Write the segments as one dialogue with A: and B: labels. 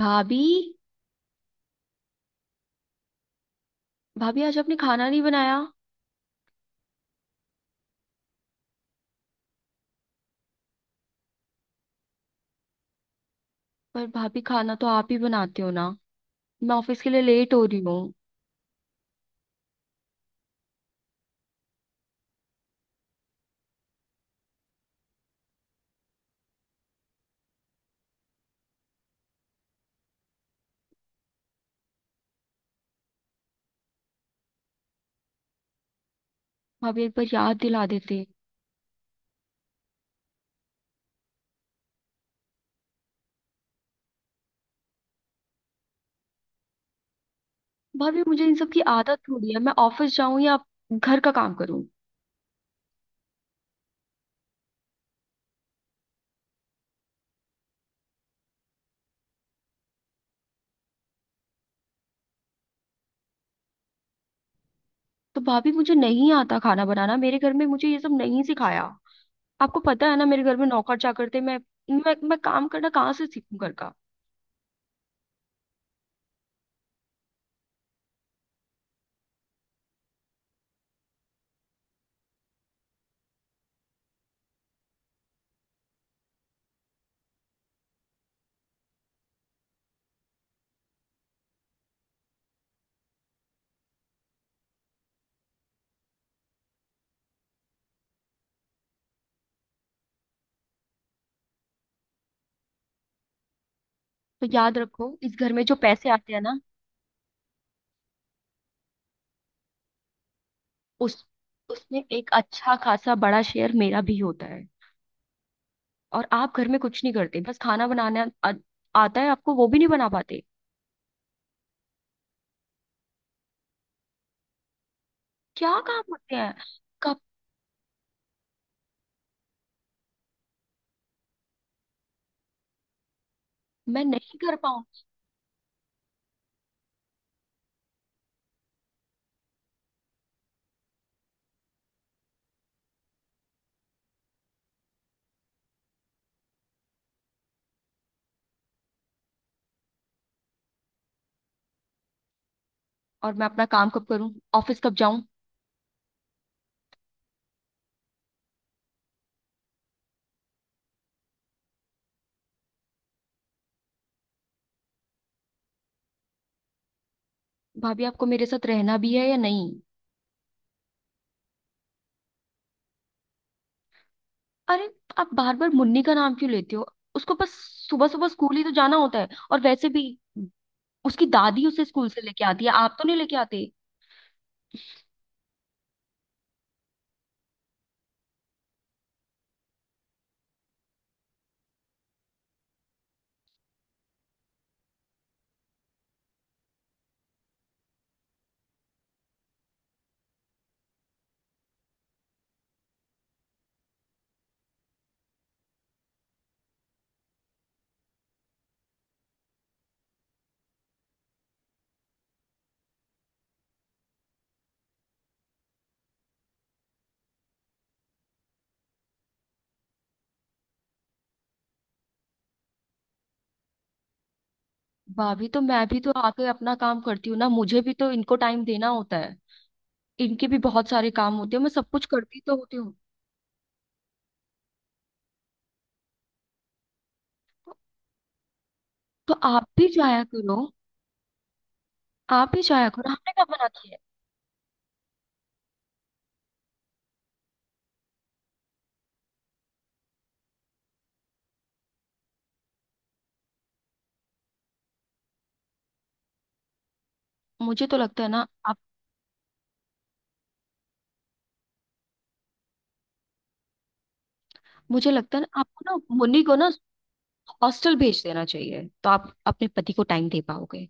A: भाभी। भाभी आज आपने खाना नहीं बनाया। पर भाभी खाना तो आप ही बनाते हो ना। मैं ऑफिस के लिए लेट हो रही हूँ। भाभी एक बार याद दिला देते। भाभी मुझे इन सब की आदत थोड़ी है। मैं ऑफिस जाऊं या घर का काम करूं। तो भाभी मुझे नहीं आता खाना बनाना। मेरे घर में मुझे ये सब नहीं सिखाया। आपको पता है ना मेरे घर में नौकर चाकर थे। मैं काम करना कहाँ से सीखूं घर का। तो याद रखो इस घर में जो पैसे आते हैं ना, उस उसमें एक अच्छा खासा बड़ा शेयर मेरा भी होता है। और आप घर में कुछ नहीं करते, बस खाना बनाना आता है आपको, वो भी नहीं बना पाते। क्या काम होते हैं। कब। मैं नहीं कर पाऊंगी। और मैं अपना काम कब करूं, ऑफिस कब जाऊं। भाभी आपको मेरे साथ रहना भी है या नहीं। अरे आप बार बार मुन्नी का नाम क्यों लेते हो। उसको बस सुबह सुबह स्कूल ही तो जाना होता है, और वैसे भी उसकी दादी उसे स्कूल से लेके आती है, आप तो नहीं लेके आते। भाभी तो मैं भी तो आके अपना काम करती हूँ ना, मुझे भी तो इनको टाइम देना होता है। इनके भी बहुत सारे काम होते हैं, मैं सब कुछ करती तो होती हूँ। तो आप भी जाया करो। आप भी जाया करो, आपने क्या मना किया है? मुझे तो लगता है ना आप। मुझे लगता है ना आपको ना मुन्नी को ना हॉस्टल भेज देना चाहिए, तो आप अपने पति को टाइम दे पाओगे।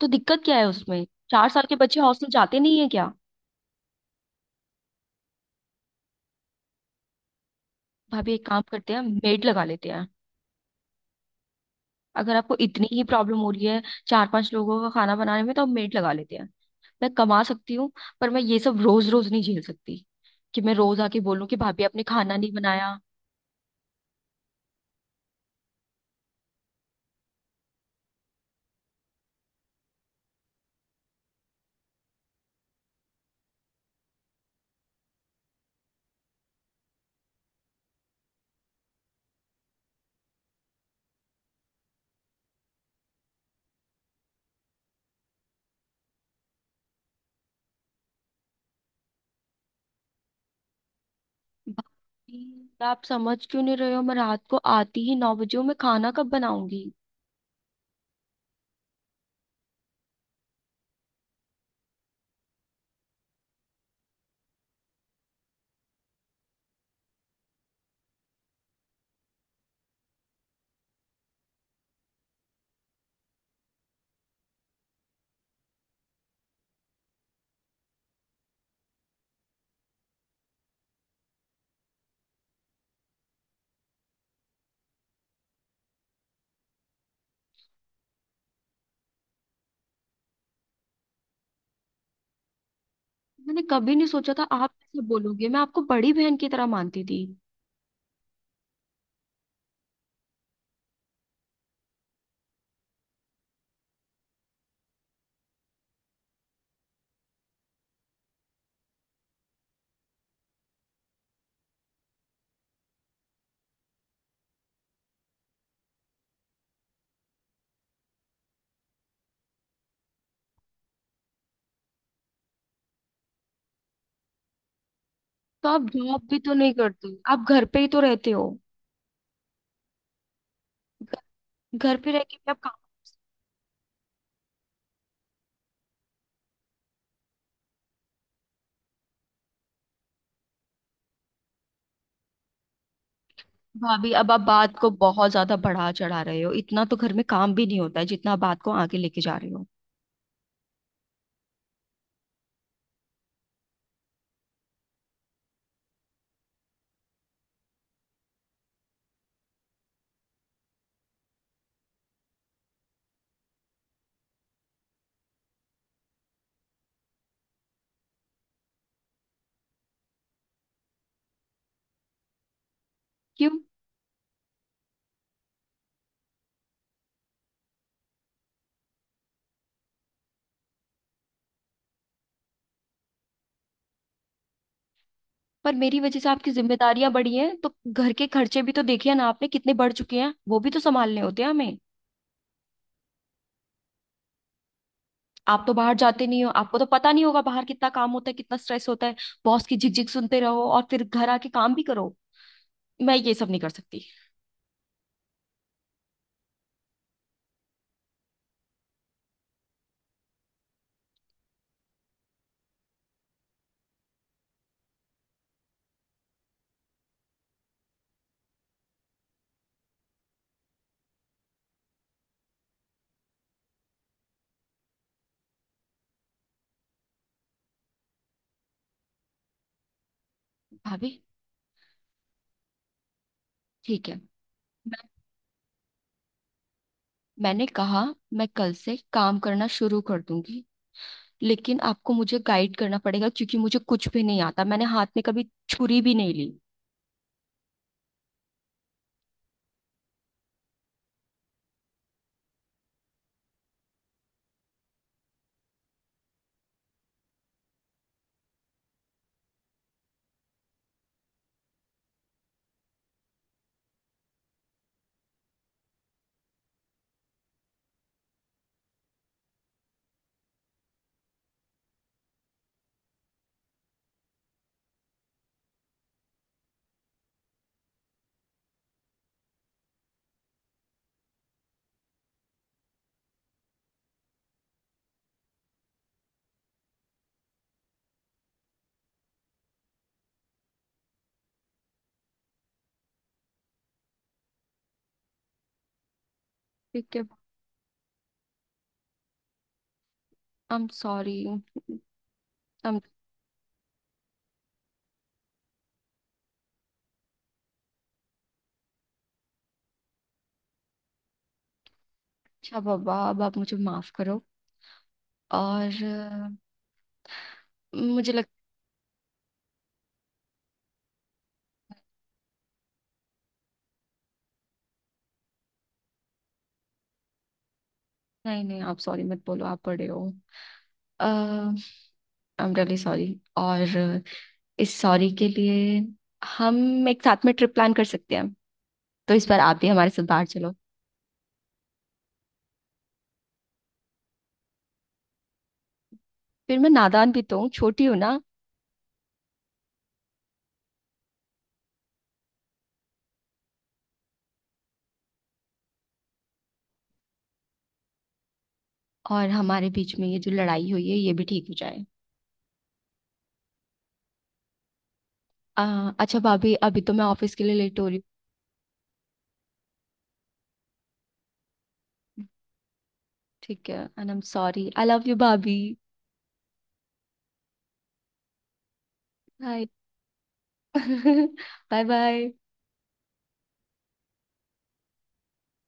A: तो दिक्कत क्या है उसमें। चार साल के बच्चे हॉस्टल जाते नहीं है क्या। भाभी एक काम करते हैं, मेड लगा लेते हैं। अगर आपको इतनी ही प्रॉब्लम हो रही है चार पांच लोगों का खाना बनाने में, तो आप मेड लगा लेते हैं। मैं कमा सकती हूँ। पर मैं ये सब रोज रोज नहीं झेल सकती, कि मैं रोज आके बोलूँ कि भाभी आपने खाना नहीं बनाया। भाई, आप समझ क्यों नहीं रहे हो। मैं रात को आती ही नौ बजे हूँ, मैं खाना कब बनाऊंगी। मैंने कभी नहीं सोचा था आप ऐसे बोलोगे, मैं आपको बड़ी बहन की तरह मानती थी। तो आप जॉब भी तो नहीं करते, आप घर पे ही तो रहते हो। घ- घर पे रह के भी आप काम। भाभी अब आप बात को बहुत ज्यादा बढ़ा चढ़ा रहे हो, इतना तो घर में काम भी नहीं होता है जितना आप बात को आगे लेके जा रहे हो। क्यों। पर मेरी वजह से आपकी जिम्मेदारियां बढ़ी हैं, तो घर के खर्चे भी तो देखिए ना, आपने कितने बढ़ चुके हैं, वो भी तो संभालने होते हैं हमें। आप तो बाहर जाते नहीं हो, आपको तो पता नहीं होगा बाहर कितना काम होता है, कितना स्ट्रेस होता है। बॉस की झिकझिक सुनते रहो और फिर घर आके काम भी करो। मैं ये सब नहीं कर सकती। भाभी। ठीक है। मैं मैंने कहा, मैं कल से काम करना शुरू कर दूंगी। लेकिन आपको मुझे गाइड करना पड़ेगा, क्योंकि मुझे कुछ भी नहीं आता, मैंने हाथ में कभी छुरी भी नहीं ली। ठीक है। I am sorry. अच्छा बाबा, अब आप मुझे माफ करो। और मुझे लग। नहीं नहीं, आप सॉरी मत बोलो, आप बड़े हो। अ, आई एम रियली सॉरी। और इस सॉरी के लिए, हम एक साथ में ट्रिप प्लान कर सकते हैं, तो इस बार आप भी हमारे साथ बाहर चलो। फिर मैं नादान भी तो हूँ, छोटी हूँ ना। और हमारे बीच में ये जो लड़ाई हुई है, ये भी ठीक हो जाए। अच्छा भाभी, अभी तो मैं ऑफिस के लिए लेट हो रही हूँ। ठीक है, and I am sorry, I love you भाभी। Bye bye bye